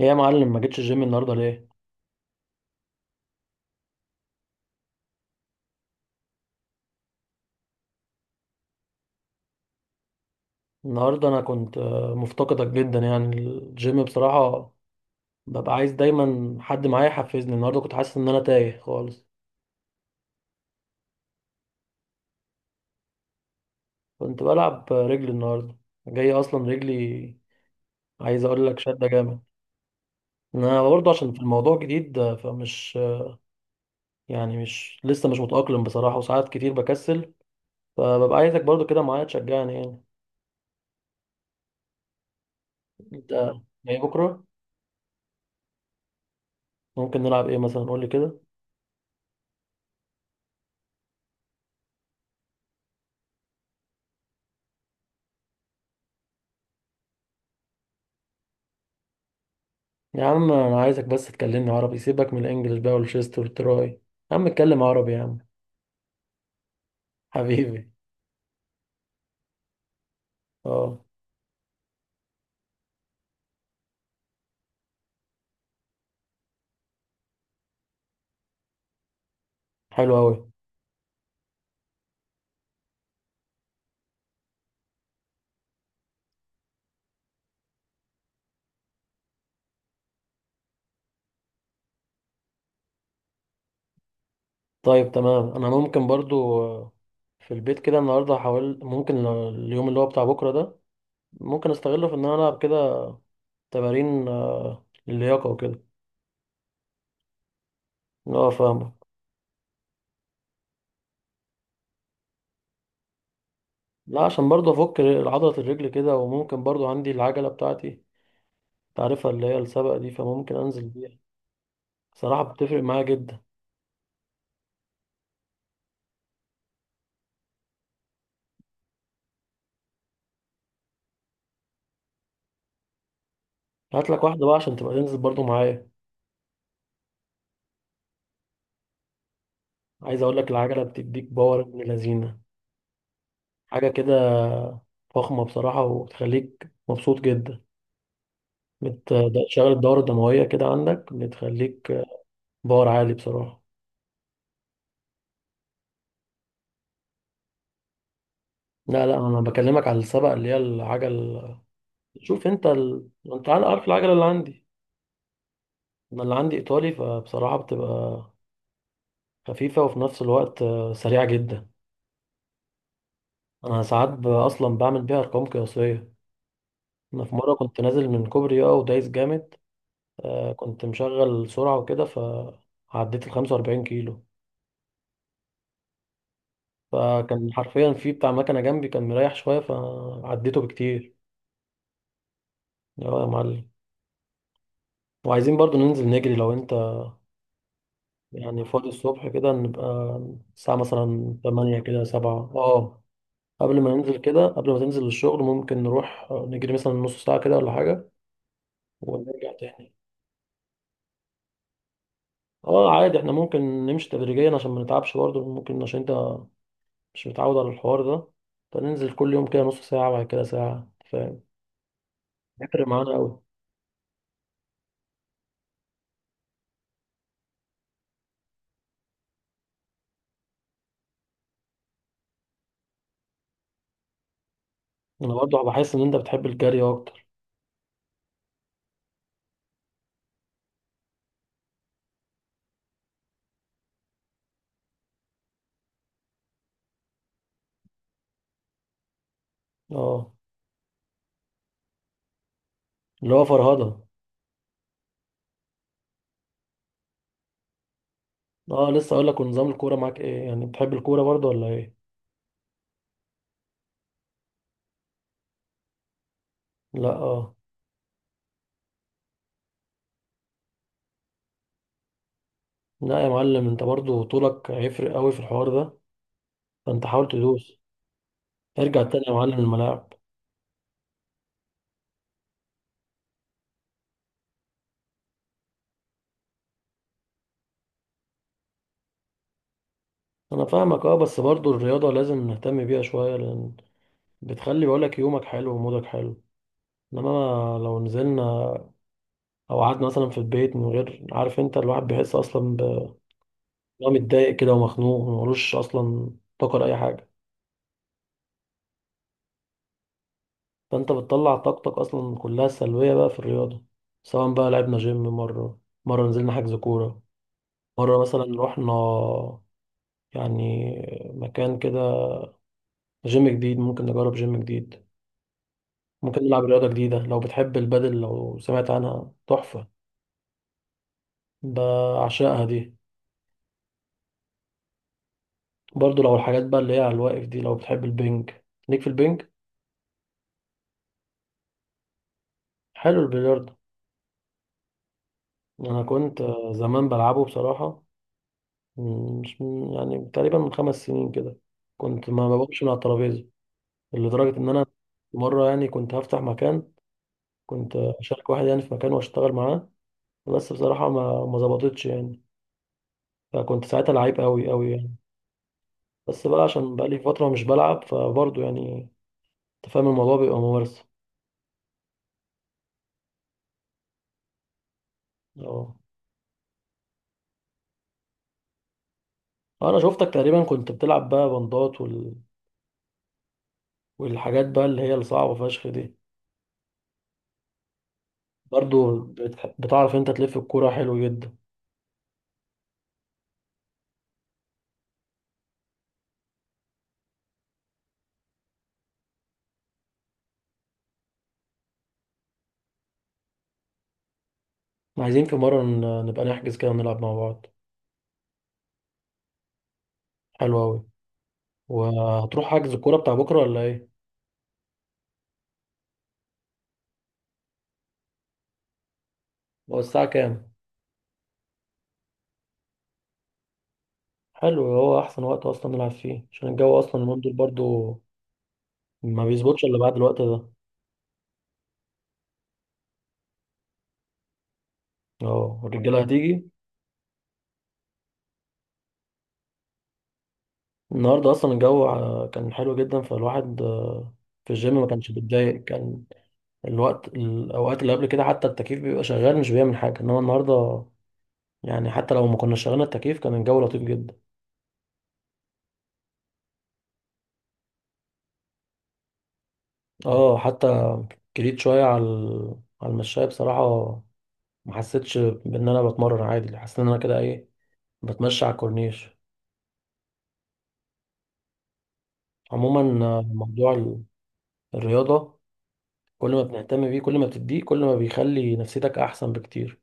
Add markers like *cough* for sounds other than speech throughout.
ايه يا معلم، ما جيتش الجيم النهارده ليه؟ النهارده انا كنت مفتقدك جدا يعني الجيم بصراحه. ببقى عايز دايما حد معايا يحفزني. النهارده كنت حاسس ان انا تايه خالص. كنت بلعب رجلي النهارده، جاي اصلا رجلي. عايز اقول لك شده جامد. انا برضه عشان في الموضوع جديد، آه، فمش آه، يعني مش لسه مش متاقلم بصراحه، وساعات كتير بكسل، فببقى عايزك برضه كده معايا تشجعني يعني. انت جاي بكره؟ ممكن نلعب ايه مثلا؟ قول لي كده. يا عم انا عايزك بس تكلمني عربي، سيبك من الانجليش بقى والشيست والتراي. يا عم اتكلم عربي يا عم. *laughs* حبيبي. اه، حلو قوي. طيب تمام، انا ممكن برضو في البيت كده النهارده هحاول، ممكن اليوم اللي هو بتاع بكره ده ممكن استغله في ان انا العب كده تمارين اللياقه وكده. اه فاهمك. لا، عشان برضو عضله الرجل كده. وممكن برضو عندي العجله بتاعتي، تعرفها، اللي هي السبق دي، فممكن انزل بيها. صراحه بتفرق معايا جدا. هات لك واحده بقى عشان تبقى تنزل برضو معايا. عايز اقول لك العجله بتديك باور ابن لذينه، حاجه كده فخمه بصراحه، وبتخليك مبسوط جدا. بتشغل الدوره الدمويه كده عندك، بتخليك باور عالي بصراحه. لا لا، انا بكلمك على السبق اللي هي العجل. شوف انت انت عارف العجله اللي عندي. انا اللي عندي ايطالي، فبصراحه بتبقى خفيفه وفي نفس الوقت سريعه جدا. انا ساعات اصلا بعمل بيها ارقام قياسيه. انا في مره كنت نازل من كوبري، اه، ودايس جامد. كنت مشغل سرعة وكده فعديت ال 45 كيلو. فكان حرفيا في بتاع مكنة جنبي كان مريح شوية فعديته بكتير. اه يا معلم. وعايزين برضو ننزل نجري لو انت يعني فاضي الصبح كده. نبقى الساعة مثلا 8 كده، 7، اه. قبل ما ننزل كده، قبل ما تنزل الشغل، ممكن نروح نجري مثلا نص ساعة كده ولا حاجة ونرجع تاني. اه عادي، احنا ممكن نمشي تدريجيا عشان ما نتعبش برضه، ممكن عشان انت مش متعود على الحوار ده، فننزل كل يوم كده نص ساعة، بعد كده ساعة، فاهم. بيفرق معانا أوي. أنا برضه بحس إن أنت بتحب الجري أكتر. أه، اللي هو فرهدة. أه، لسه أقول لك، ونظام الكورة معاك إيه؟ يعني بتحب الكورة برضه ولا إيه؟ لأ أه. لا يا معلم، أنت برضه طولك هيفرق أوي في الحوار ده، فأنت حاول تدوس، ارجع تاني يا معلم الملاعب. أنا فاهمك أه، بس برضه الرياضة لازم نهتم بيها شوية، لأن بتخلي، بقولك، يومك حلو ومودك حلو. إنما لو نزلنا او قعدنا مثلا في البيت من غير، عارف انت الواحد بيحس اصلا إن هو متضايق كده ومخنوق، وملوش اصلا طاقه لاي حاجه. فانت بتطلع طاقتك اصلا كلها سلبيه بقى في الرياضه، سواء بقى لعبنا جيم، مره مره نزلنا حجز كوره، مره مثلا رحنا يعني مكان كده، جيم جديد، ممكن نجرب جيم جديد، ممكن نلعب رياضه جديده. لو بتحب البادل، لو سمعت عنها تحفه، بعشقها دي. برضو لو الحاجات بقى اللي هي على الواقف دي، لو بتحب البنج، ليك في البنج. حلو البلياردو. انا كنت زمان بلعبه بصراحه. مش من- يعني تقريبا من 5 سنين كده كنت ما بقومش من على الترابيزه، لدرجه ان انا مره يعني كنت هفتح مكان، كنت اشارك واحد يعني في مكان واشتغل معاه، بس بصراحه ما ظبطتش يعني. فكنت ساعتها لعيب قوي قوي يعني. بس بقى عشان بقى لي فتره مش بلعب، فبرضه يعني انت فاهم الموضوع بيبقى ممارسه. اه. انا شفتك تقريبا كنت بتلعب بقى بندات والحاجات بقى اللي هي الصعبه فشخ دي. برضه بتعرف انت تلف الكوره حلو جدا. عايزين في مرة نبقى نحجز كده ونلعب مع بعض. حلو أوي. وهتروح حجز الكورة بتاع بكرة ولا إيه؟ هو الساعة كام؟ حلو، هو أحسن وقت أصلا نلعب فيه، عشان الجو أصلا اليومين دول برضو ما بيظبطش إلا بعد الوقت ده. اه الرجالة هتيجي. النهاردة أصلا الجو كان حلو جدا، فالواحد في الجيم ما كانش بيتضايق. كان الوقت، الأوقات اللي قبل كده، حتى التكييف بيبقى شغال مش بيعمل حاجة، إنما النهاردة يعني حتى لو ما كنا شغلنا التكييف كان الجو لطيف جدا. اه حتى جريت شوية على على المشاية بصراحة. ما حسيتش بإن أنا بتمرن عادي، حسيت إن أنا كده إيه، بتمشى على الكورنيش. عموما موضوع الرياضة، كل ما بنهتم بيه، كل ما بتديه، كل ما بيخلي نفسيتك أحسن بكتير.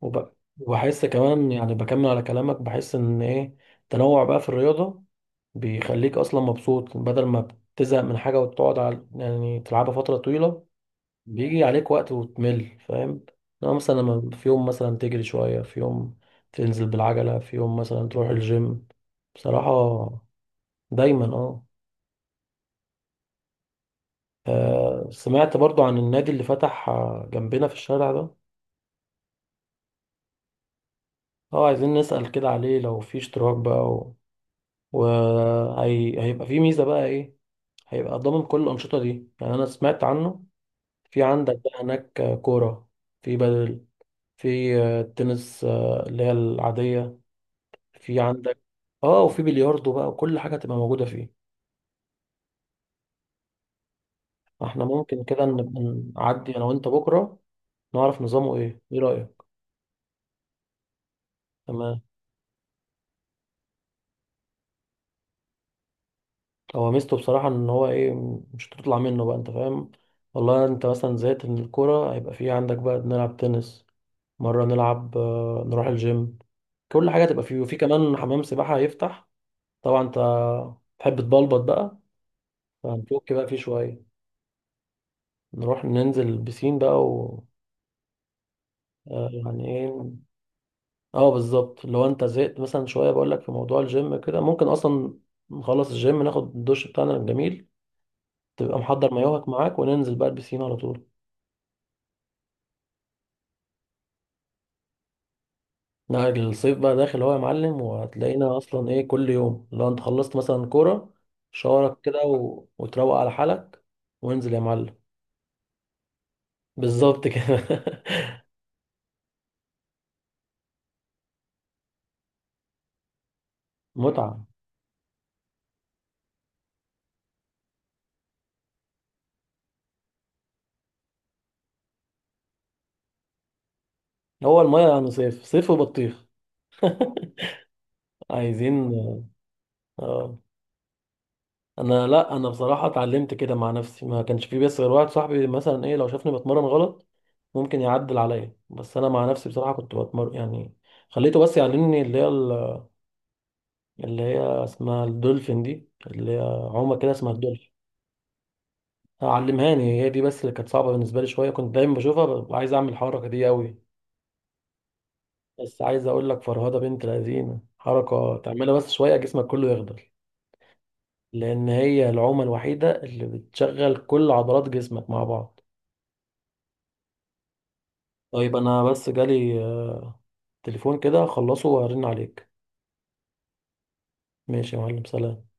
وب- وبحس كمان يعني، بكمل على كلامك، بحس إن إيه، التنوع بقى في الرياضة بيخليك أصلا مبسوط، بدل ما بتزهق من حاجة وتقعد على، يعني تلعبها فترة طويلة، بيجي عليك وقت وتمل فاهم. لو مثلا، لما في يوم مثلا تجري شوية، في يوم تنزل بالعجلة، في يوم مثلا تروح الجيم، بصراحة دايما، اه. سمعت برضو عن النادي اللي فتح جنبنا في الشارع ده. اه، عايزين نسأل كده عليه لو في اشتراك بقى هيبقى في ميزة بقى ايه. هيبقى ضامن كل الأنشطة دي. يعني أنا سمعت عنه، في عندك بقى هناك كورة، في بدل، في تنس، اللي هي العادية، في عندك، اه، وفي بلياردو بقى، وكل حاجة تبقى موجودة فيه. احنا ممكن كده نبقى نعدي انا وانت بكرة، نعرف نظامه ايه. ايه رأيك؟ تمام. هو ميزته بصراحة ان هو ايه، مش هتطلع منه بقى انت فاهم. والله انت مثلا زهقت من الكورة، هيبقى في عندك بقى نلعب تنس، مرة نلعب، نروح الجيم، كل حاجة تبقى فيه. وفي كمان حمام سباحة هيفتح، طبعا انت تحب تبلبط بقى، فهنفك بقى فيه شوية، نروح ننزل البسين بقى و آه، يعني ايه، اه بالظبط. لو انت زهقت مثلا شويه، بقول لك في موضوع الجيم كده، ممكن اصلا نخلص الجيم، ناخد الدش بتاعنا الجميل، تبقى محضر مايوهك معاك، وننزل بقى البسين على طول. لا الصيف بقى داخل هو يا معلم، وهتلاقينا اصلا ايه كل يوم. لو انت خلصت مثلا كوره، شاورك كده وتروق على حالك وانزل يا معلم. بالظبط كده. *laughs* متعه. هو الميه يعني صيف صيف وبطيخ. *laughs* عايزين. اه. انا، لا، انا بصراحه اتعلمت كده مع نفسي، ما كانش في بس غير واحد صاحبي مثلا ايه، لو شافني بتمرن غلط ممكن يعدل عليا، بس انا مع نفسي بصراحه كنت بتمرن يعني. خليته بس يعلمني اللي هي اللي هي اسمها الدولفين دي، اللي هي عومه كده اسمها الدولفين. علمهاني هي دي بس، اللي كانت صعبه بالنسبه لي شويه. كنت دايما بشوفها ببقى عايز اعمل الحركه دي قوي. بس عايز اقول لك فرهده بنت لذينه، حركه تعملها بس شويه جسمك كله يخضل، لان هي العومه الوحيده اللي بتشغل كل عضلات جسمك مع بعض. طيب انا بس جالي تليفون كده، اخلصه وارن عليك. ماشي يا معلم، سلام.